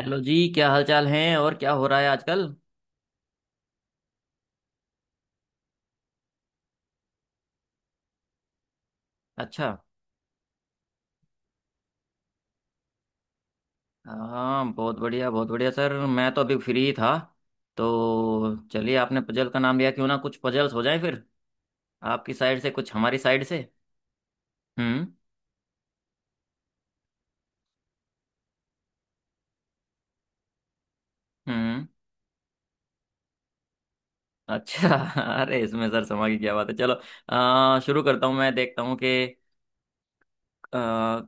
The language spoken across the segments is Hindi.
हेलो जी। क्या हाल चाल हैं और क्या हो रहा है आजकल? अच्छा। हाँ, बहुत बढ़िया सर। मैं तो अभी फ्री था तो चलिए, आपने पजल का नाम लिया, क्यों ना कुछ पजल्स हो जाए फिर, आपकी साइड से कुछ हमारी साइड से। हम्म हम्म। अच्छा। अरे इसमें सर समा की क्या बात है, चलो शुरू करता हूँ, मैं देखता हूँ कि आ,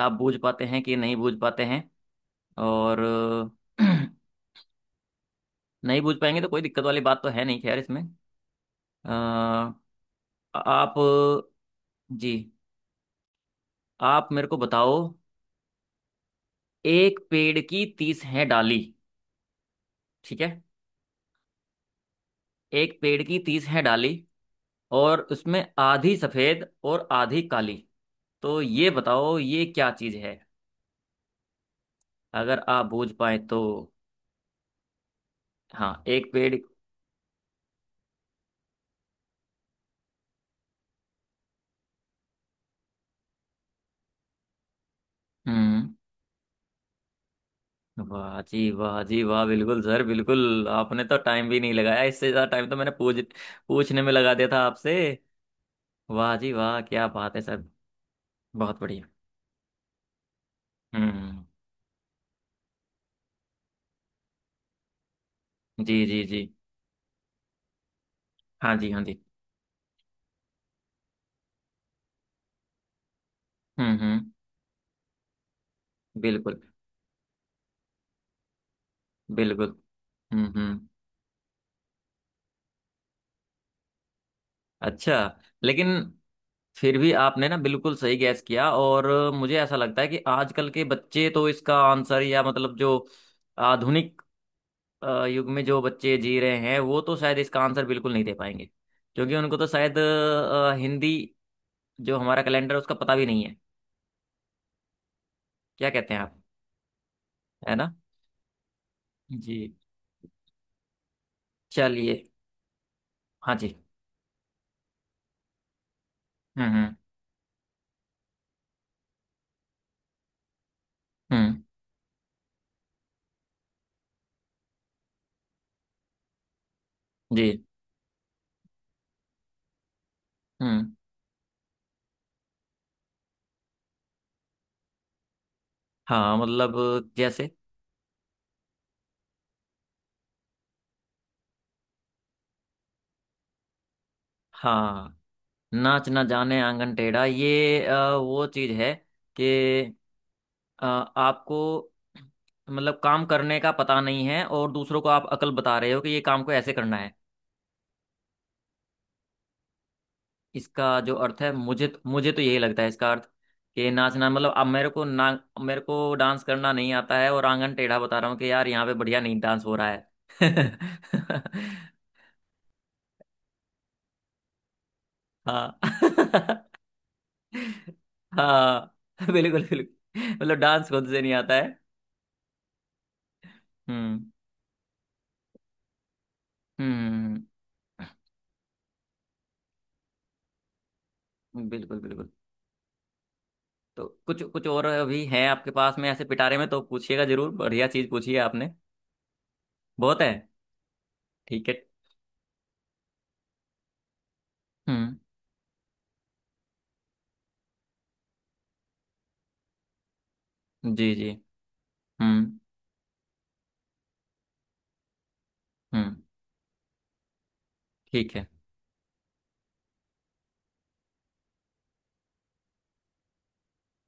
आप बूझ पाते हैं कि नहीं बूझ पाते हैं, और नहीं बूझ पाएंगे तो कोई दिक्कत वाली बात तो है नहीं, खैर इसमें आ, आप, जी, आप मेरे को बताओ। एक पेड़ की 30 है डाली, ठीक है, एक पेड़ की 30 है डाली, और उसमें आधी सफेद और आधी काली, तो ये बताओ ये क्या चीज है, अगर आप बूझ पाए तो। हाँ, एक पेड़। हम्म। वाह जी, वाह जी, वाह, बिल्कुल सर, बिल्कुल, आपने तो टाइम भी नहीं लगाया, इससे ज्यादा टाइम तो मैंने पूछ पूछने में लगा दिया था आपसे। वाह जी वाह, क्या बात है सर। बहुत बढ़िया। हम्म। जी जी जी। हाँ जी, हाँ जी। हम्म। बिल्कुल बिल्कुल। हम्म। अच्छा। लेकिन फिर भी आपने ना बिल्कुल सही गैस किया, और मुझे ऐसा लगता है कि आजकल के बच्चे तो इसका आंसर, या मतलब जो आधुनिक युग में जो बच्चे जी रहे हैं, वो तो शायद इसका आंसर बिल्कुल नहीं दे पाएंगे, क्योंकि उनको तो शायद हिंदी जो हमारा कैलेंडर है उसका पता भी नहीं है। क्या कहते हैं आप, है ना? जी। चलिए। हाँ जी। हम्म। हम्म। जी। हम्म। हाँ, मतलब, जैसे। हाँ, नाच ना जाने आंगन टेढ़ा, ये वो चीज है कि आपको, मतलब, काम करने का पता नहीं है और दूसरों को आप अकल बता रहे हो कि ये काम को ऐसे करना है। इसका जो अर्थ है, मुझे मुझे तो यही लगता है इसका अर्थ, कि नाचना मतलब अब मेरे को ना, मेरे को डांस करना नहीं आता है और आंगन टेढ़ा बता रहा हूँ कि यार यहाँ पे बढ़िया नहीं डांस हो रहा है। हाँ। हाँ, बिल्कुल बिल्कुल, मतलब डांस खुद से नहीं आता है। हम्म हम्म। बिल्कुल बिल्कुल। तो कुछ कुछ और अभी है आपके पास में ऐसे पिटारे में तो पूछिएगा जरूर, बढ़िया चीज पूछिए आपने। बहुत है। ठीक है। हम्म। जी जी। हम्म हम्म। ठीक है।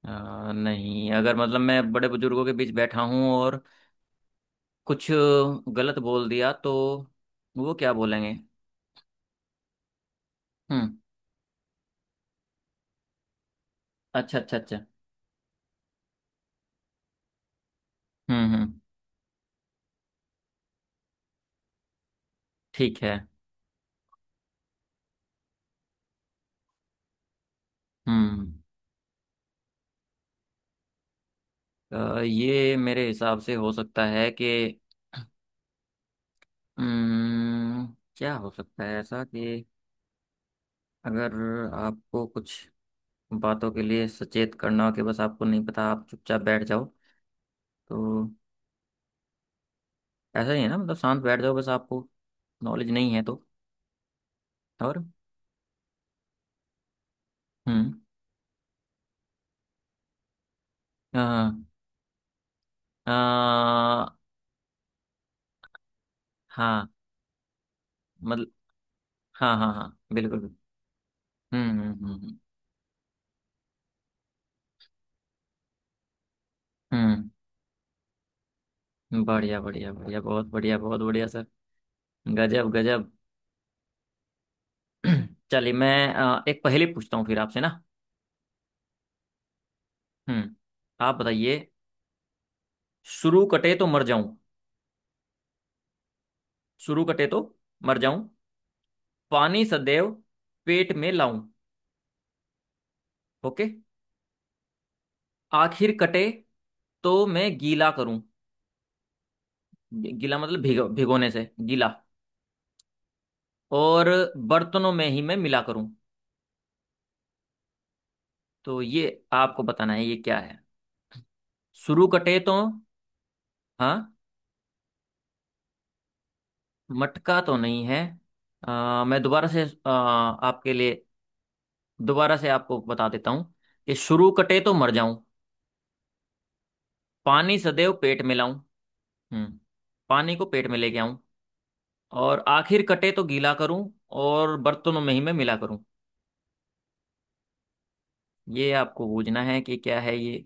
नहीं, अगर, मतलब, मैं बड़े बुजुर्गों के बीच बैठा हूँ और कुछ गलत बोल दिया तो वो क्या बोलेंगे? हम्म। अच्छा अच्छा अच्छा। हम्म। ठीक है। हम्म। ये मेरे हिसाब से हो सकता है कि, हम्म, क्या हो सकता है ऐसा कि अगर आपको कुछ बातों के लिए सचेत करना हो, कि बस आपको नहीं पता, आप चुपचाप बैठ जाओ तो। ऐसा ही है ना? मतलब शांत बैठ जाओ, बस आपको नॉलेज नहीं है तो, और, हम्म। हाँ हाँ हाँ, मतलब। हाँ हाँ हाँ, बिल्कुल बिल्कुल। हम्म हम्म हम्म हम्म। बढ़िया बढ़िया बढ़िया, बहुत बढ़िया, बहुत बढ़िया सर, गजब गजब। चलिए, मैं एक पहेली पूछता हूँ फिर आपसे ना। हम्म। आप बताइए। शुरू कटे तो मर जाऊं, शुरू कटे तो मर जाऊं, पानी सदैव पेट में लाऊं। ओके। आखिर कटे तो मैं गीला करूं, गीला मतलब भिगो, भिगोने से गीला, और बर्तनों में ही मैं मिला करूं, तो ये आपको बताना है ये क्या है। शुरू कटे तो। हाँ। मटका तो नहीं है, मैं दोबारा से, आपके लिए दोबारा से आपको बता देता हूँ, कि शुरू कटे तो मर जाऊं, पानी सदैव पेट में लाऊं। हम्म। पानी को पेट में लेके आऊं, और आखिर कटे तो गीला करूं, और बर्तनों में ही मैं मिला करूं। ये आपको बूझना है कि क्या है ये।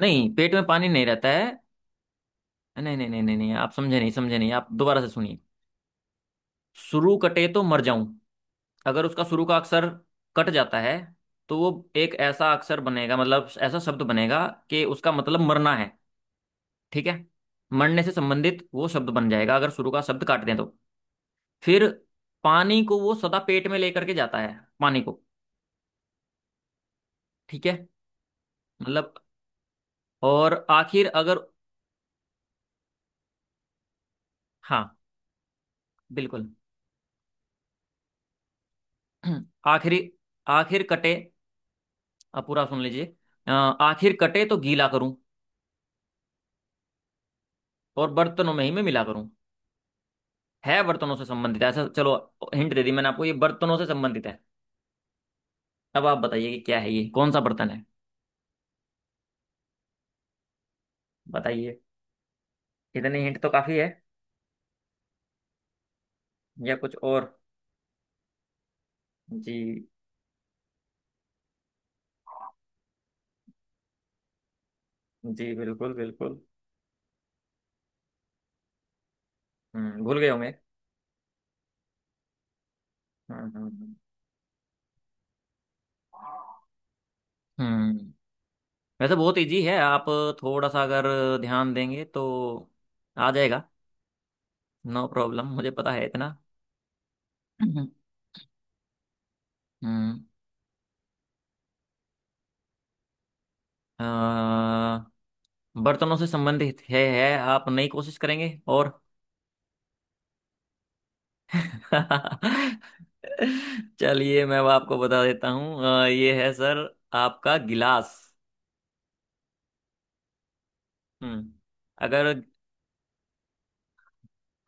नहीं, पेट में पानी नहीं रहता है। नहीं नहीं नहीं नहीं नहीं, आप समझे नहीं, समझे नहीं आप, दोबारा से सुनिए। शुरू कटे तो मर जाऊं, अगर उसका शुरू का अक्षर कट जाता है तो वो एक ऐसा अक्षर बनेगा, मतलब ऐसा शब्द बनेगा कि उसका मतलब मरना है, ठीक है। मरने से संबंधित वो शब्द बन जाएगा अगर शुरू का शब्द काट दें तो। फिर पानी को वो सदा पेट में लेकर के जाता है, पानी को, ठीक है। मतलब, और आखिर अगर, हाँ, बिल्कुल। आखिरी, आखिर कटे, अब पूरा सुन लीजिए। आखिर कटे तो गीला करूं, और बर्तनों में ही मैं मिला करूं, है बर्तनों से संबंधित है। ऐसा चलो, हिंट दे दी मैंने आपको, ये बर्तनों से संबंधित है। अब आप बताइए कि क्या है ये, कौन सा बर्तन है, बताइए। इतने हिंट तो काफी है, या कुछ और? जी जी, बिल्कुल बिल्कुल। हम्म, भूल गए होंगे। हम्म हम्म हम्म हम्म। वैसे बहुत इजी है, आप थोड़ा सा अगर ध्यान देंगे तो आ जाएगा, नो प्रॉब्लम, मुझे पता है इतना। हम्म। हम्म, आ, बर्तनों से संबंधित है, आप नई कोशिश करेंगे? और चलिए मैं अब आपको बता देता हूँ, ये है सर, आपका गिलास। हम्म। अगर,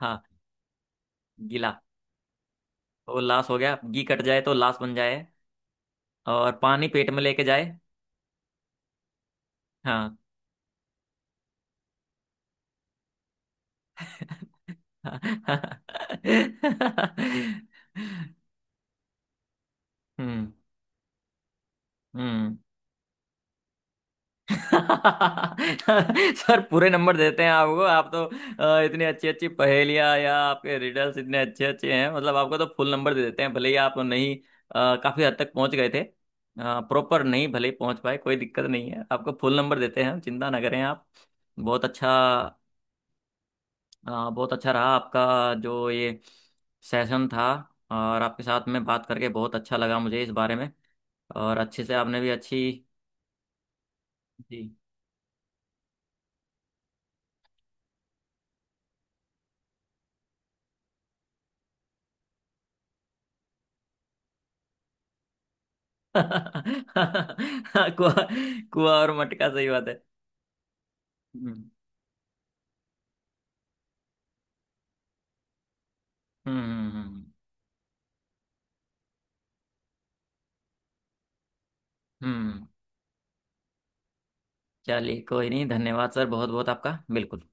हाँ, गिला तो लाश हो गया, घी कट जाए तो लाश बन जाए, और पानी पेट में लेके जाए। हाँ। हम्म हम्म। सर पूरे नंबर देते हैं आपको आप तो, इतनी अच्छी अच्छी पहेलियाँ, या आपके रिडल्स इतने अच्छे अच्छे हैं, मतलब आपको तो फुल नंबर दे देते हैं, भले ही आप नहीं, काफी हद तक पहुंच गए थे, प्रॉपर नहीं भले ही पहुंच पाए, कोई दिक्कत नहीं है, आपको फुल नंबर देते हैं हम, चिंता ना करें आप। बहुत अच्छा। बहुत अच्छा रहा आपका जो ये सेशन था, और आपके साथ में बात करके बहुत अच्छा लगा मुझे इस बारे में, और अच्छे से आपने भी अच्छी। जी। कुआ, कुआ और मटका, सही बात है। हम्म हम्म हम्म हम्म, हम्म। चलिए कोई नहीं, धन्यवाद सर बहुत बहुत, आपका बिल्कुल